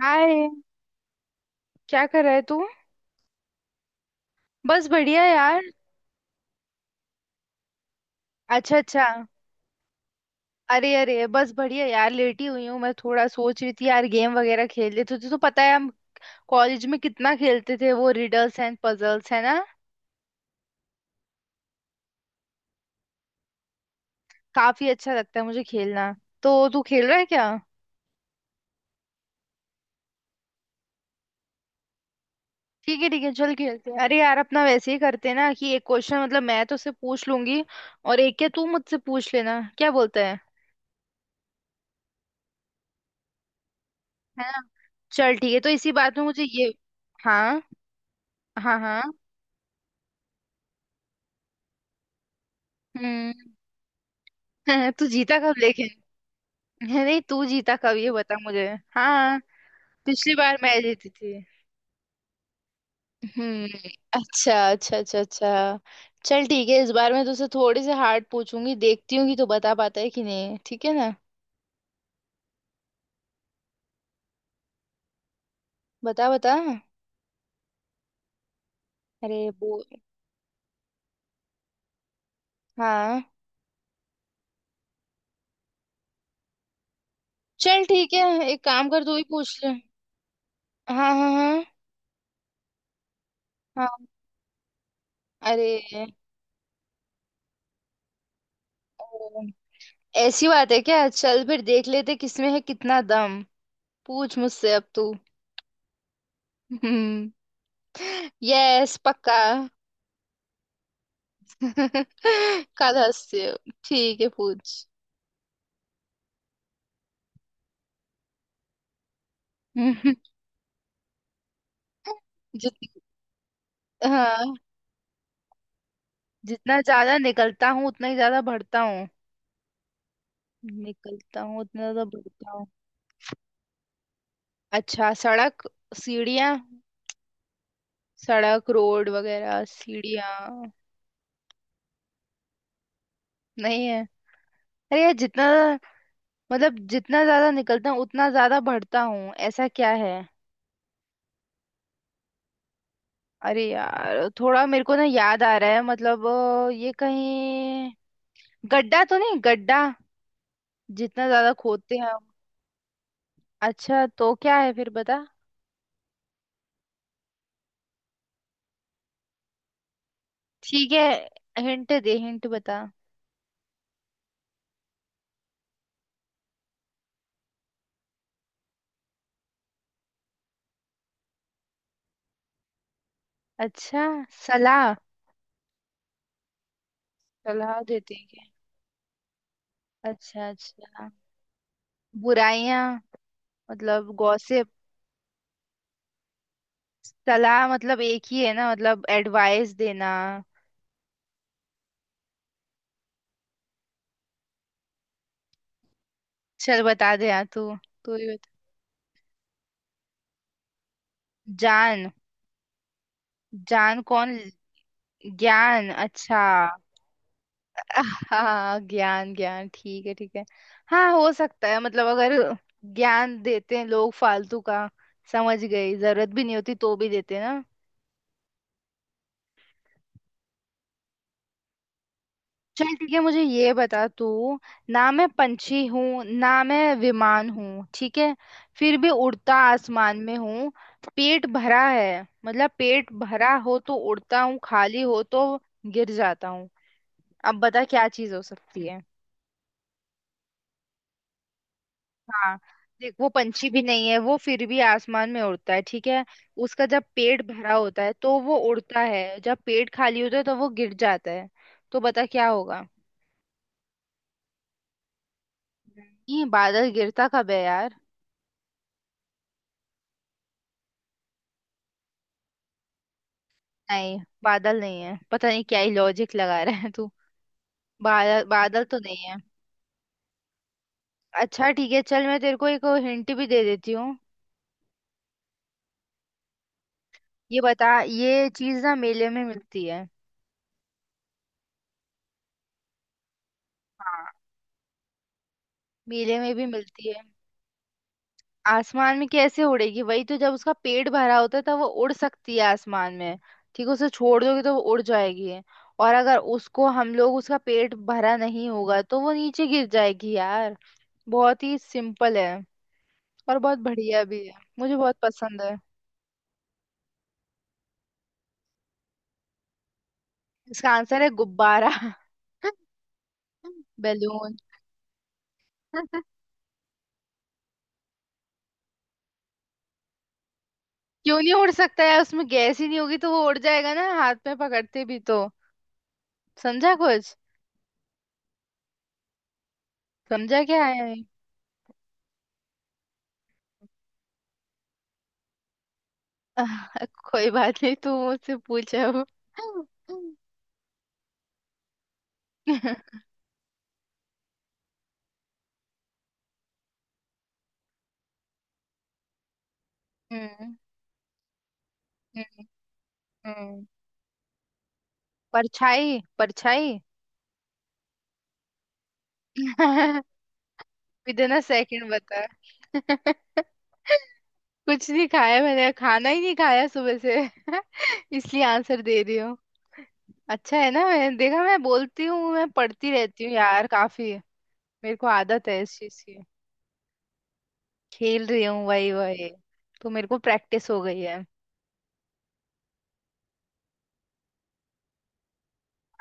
हाय, क्या कर रहा है तू। बस बढ़िया यार। अच्छा अच्छा। अरे अरे, बस बढ़िया यार, लेटी हुई हूँ मैं। थोड़ा सोच रही थी यार, गेम वगैरह खेल लेते। तुझे तो पता है हम कॉलेज में कितना खेलते थे, वो रिडल्स एंड पजल्स है ना। काफी अच्छा लगता है मुझे खेलना। तो तू खेल रहा है क्या। ठीक है ठीक है, चल खेलते हैं। अरे यार अपना वैसे ही करते हैं ना कि एक क्वेश्चन, मतलब मैं तो उससे पूछ लूंगी और एक क्या तू मुझसे पूछ लेना, क्या बोलता है। है ना। चल ठीक है, तो इसी बात में मुझे ये। हाँ हाँ हाँ। हम्म। तू जीता कब लेकिन। है नहीं, तू जीता कब ये बता मुझे। हाँ, पिछली बार मैं जीती थी। हम्म। अच्छा अच्छा अच्छा अच्छा। चल ठीक है, इस बार मैं तुझसे थोड़ी से हार्ड पूछूंगी, देखती हूँ कि तू बता पाता है कि नहीं, ठीक है ना। बता बता। अरे वो। हाँ। चल ठीक है, एक काम कर, तू ही पूछ ले। हाँ। हाँ। अरे। ओ, ऐसी बात है क्या, चल फिर देख लेते किसमें है कितना दम। पूछ मुझसे अब तू। हम्म। यस पक्का। काला हंसते हो। ठीक है पूछ। जित। हाँ, जितना ज्यादा निकलता हूँ उतना ही ज्यादा बढ़ता हूँ। निकलता हूँ उतना ज्यादा बढ़ता हूँ। अच्छा, सड़क, सीढ़ियाँ। सड़क, रोड वगैरह, सीढ़ियाँ। नहीं है। अरे यार जितना, मतलब जितना ज्यादा निकलता हूँ उतना ज्यादा बढ़ता हूँ, ऐसा क्या है। अरे यार थोड़ा मेरे को ना याद आ रहा है, मतलब ये कहीं गड्ढा तो नहीं, गड्ढा। जितना ज्यादा खोदते हैं। अच्छा तो क्या है फिर, बता। ठीक है, हिंट दे, हिंट बता। अच्छा, सलाह। सलाह देते हैं क्या। अच्छा अच्छा। बुराइयां। मतलब गॉसिप। सलाह मतलब एक ही है ना, मतलब एडवाइस देना। चल बता दे यार तू। तू ही बता। जान। जान कौन। ज्ञान, अच्छा। हाँ, ज्ञान ज्ञान, ठीक है ठीक है। हाँ हो सकता है, मतलब अगर, ज्ञान देते हैं लोग फालतू का, समझ गई, जरूरत भी नहीं होती तो भी देते हैं ना। चल ठीक है, मुझे ये बता तू। ना मैं पंछी हूँ ना मैं विमान हूँ, ठीक है। फिर भी उड़ता आसमान में हूँ। पेट भरा है, मतलब पेट भरा हो तो उड़ता हूँ, खाली हो तो गिर जाता हूँ। अब बता क्या चीज हो सकती है। हाँ, देख वो पंछी भी नहीं है वो, फिर भी आसमान में उड़ता है ठीक है। उसका जब पेट भरा होता है तो वो उड़ता है, जब पेट खाली होता है तो वो गिर जाता है। तो बता क्या होगा। नहीं, बादल गिरता कब है यार। नहीं, बादल नहीं है, पता नहीं क्या ही लॉजिक लगा रहा है तू। बादल बादल तो नहीं है। अच्छा ठीक है, चल मैं तेरे को एक हिंट भी दे देती हूँ। ये बता, ये चीज ना मेले में मिलती है। हाँ, मेले में भी मिलती है। आसमान में कैसे उड़ेगी, वही तो, जब उसका पेट भरा होता है तब वो उड़ सकती है आसमान में, ठीक है। उसे छोड़ दोगे तो वो उड़ जाएगी, और अगर उसको हम लोग, उसका पेट भरा नहीं होगा तो वो नीचे गिर जाएगी यार। बहुत ही सिंपल है। और बहुत बढ़िया भी है, मुझे बहुत पसंद है। इसका आंसर है गुब्बारा। बैलून। क्यों नहीं उड़ सकता, है उसमें गैस ही नहीं होगी तो वो उड़ जाएगा ना, हाथ में पकड़ते भी तो। समझा कुछ। समझा क्या है। आह, कोई बात नहीं, तू मुझसे पूछ अब। हम्म। हम्म, हम्म। परछाई परछाई। बिना सेकंड बता। कुछ नहीं खाया, मैंने खाना ही नहीं खाया सुबह से इसलिए आंसर दे रही हूँ। अच्छा है ना, मैं देखा मैं बोलती हूँ, मैं पढ़ती रहती हूँ यार काफी, मेरे को आदत है इस चीज की। खेल रही हूँ वही वही। तो मेरे को प्रैक्टिस हो गई है।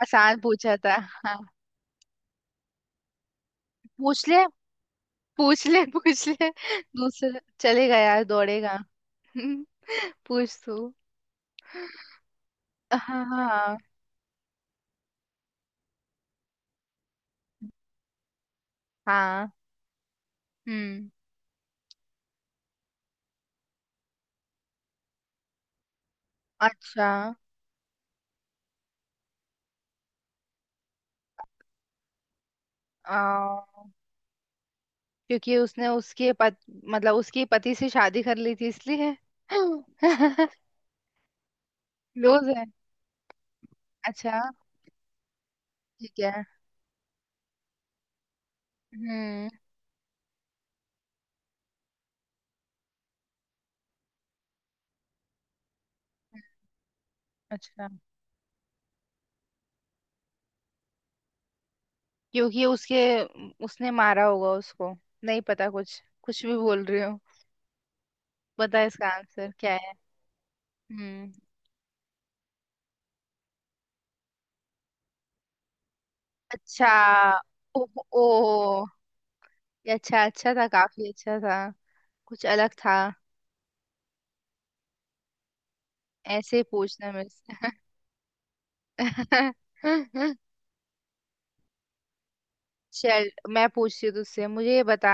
आसान पूछा था हाँ। पूछ ले पूछ ले पूछ ले। दूसरा चलेगा यार, दौड़ेगा। पूछ तू। हाँ हाँ हाँ। हम्म। अच्छा। आ, क्योंकि उसने उसके पत, मतलब उसके पति से शादी कर ली थी इसलिए। क्लोज है। अच्छा। ठीक है। हम्म। अच्छा, क्योंकि उसके, उसने मारा होगा उसको। नहीं पता, कुछ कुछ भी बोल रही हो। बता इसका आंसर क्या है। हम्म। अच्छा। ओ, ओ, ये अच्छा, अच्छा था, काफी अच्छा था। कुछ अलग था। ऐसे ही पूछना मेरे से। चल मैं पूछती हूँ तुझसे, मुझे ये बता।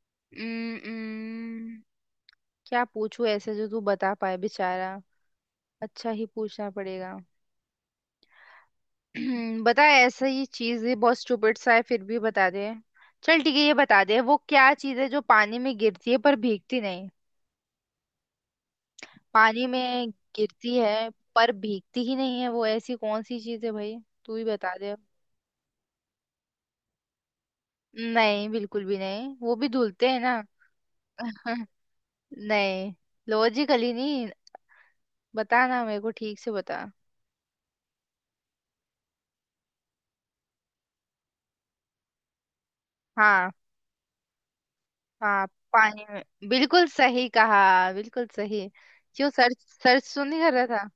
उम्म, उम्म, क्या पूछू ऐसे जो तू बता पाए बेचारा। अच्छा ही पूछना पड़ेगा। बता ऐसा, ये चीज है बहुत स्टूपिड सा है, फिर भी बता दे। चल ठीक है, ये बता दे वो क्या चीज है जो पानी में गिरती है पर भीगती नहीं। पानी में गिरती है पर भीगती ही नहीं है, वो ऐसी कौन सी चीज है भाई। तू ही बता दे। नहीं, बिल्कुल भी नहीं, वो भी धुलते हैं ना। नहीं, लॉजिकली नहीं। बताना मेरे को ठीक से, बता। हाँ। हाँ, पानी में। बिल्कुल सही कहा, बिल्कुल सही। क्यों, सर्च। सर्च तो नहीं कर रहा था।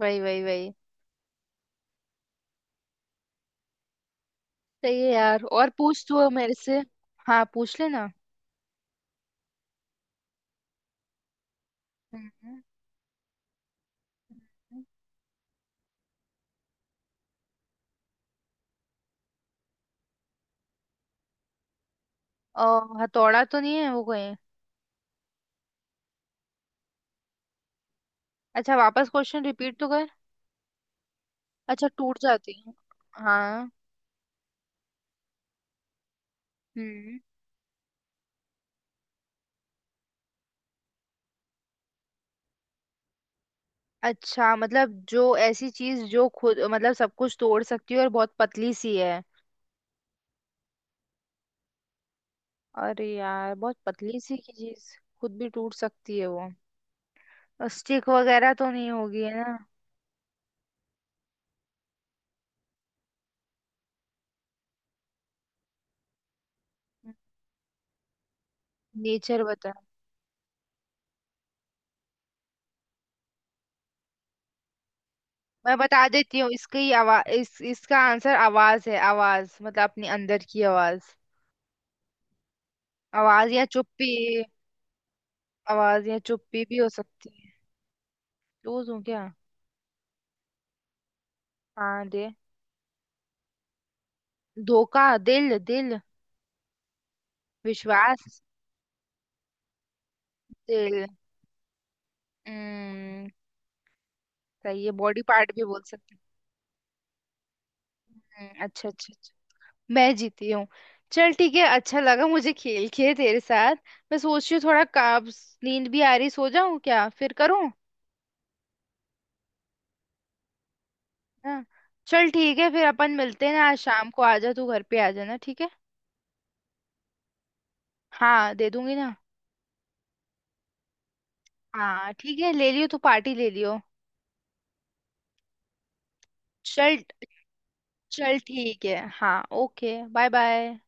वही वही वही। सही है यार, और पूछ तू अब मेरे से। हाँ पूछ लेना। हम्म, हम्म। और हथौड़ा तो नहीं है वो कहीं। अच्छा, वापस क्वेश्चन रिपीट तो कर। अच्छा, टूट जाती है। हाँ। हम्म। अच्छा, मतलब जो ऐसी चीज जो खुद, मतलब सब कुछ तोड़ सकती है और बहुत पतली सी है। अरे यार, बहुत पतली सी की चीज। खुद भी टूट सकती है वो। स्टिक वगैरह तो नहीं होगी, है ना। नेचर बता। मैं बता देती हूँ इसकी, आवाज, इस इसका आंसर आवाज है, आवाज मतलब अपने अंदर की आवाज। आवाज या चुप्पी। आवाज या चुप्पी भी हो सकती है। लूज हूँ क्या। हाँ दे। धोखा, दिल, दिल, विश्वास। दिल। हम्म, सही है, बॉडी पार्ट भी बोल सकते हैं। अच्छा अच्छा अच्छा। मैं जीती हूँ। चल ठीक है, अच्छा लगा मुझे खेल के तेरे साथ। मैं सोच रही हूँ थोड़ा, काब्स नींद भी आ रही, सो जाऊं क्या, फिर करूँ। हाँ। चल ठीक है, फिर अपन मिलते हैं ना आज शाम को, आ जा तू घर पे, आ जाना ठीक है। हाँ दे दूंगी ना। हाँ ठीक है, ले लियो तू, पार्टी ले लियो। चल। चल ठीक है, हाँ ओके बाय बाय।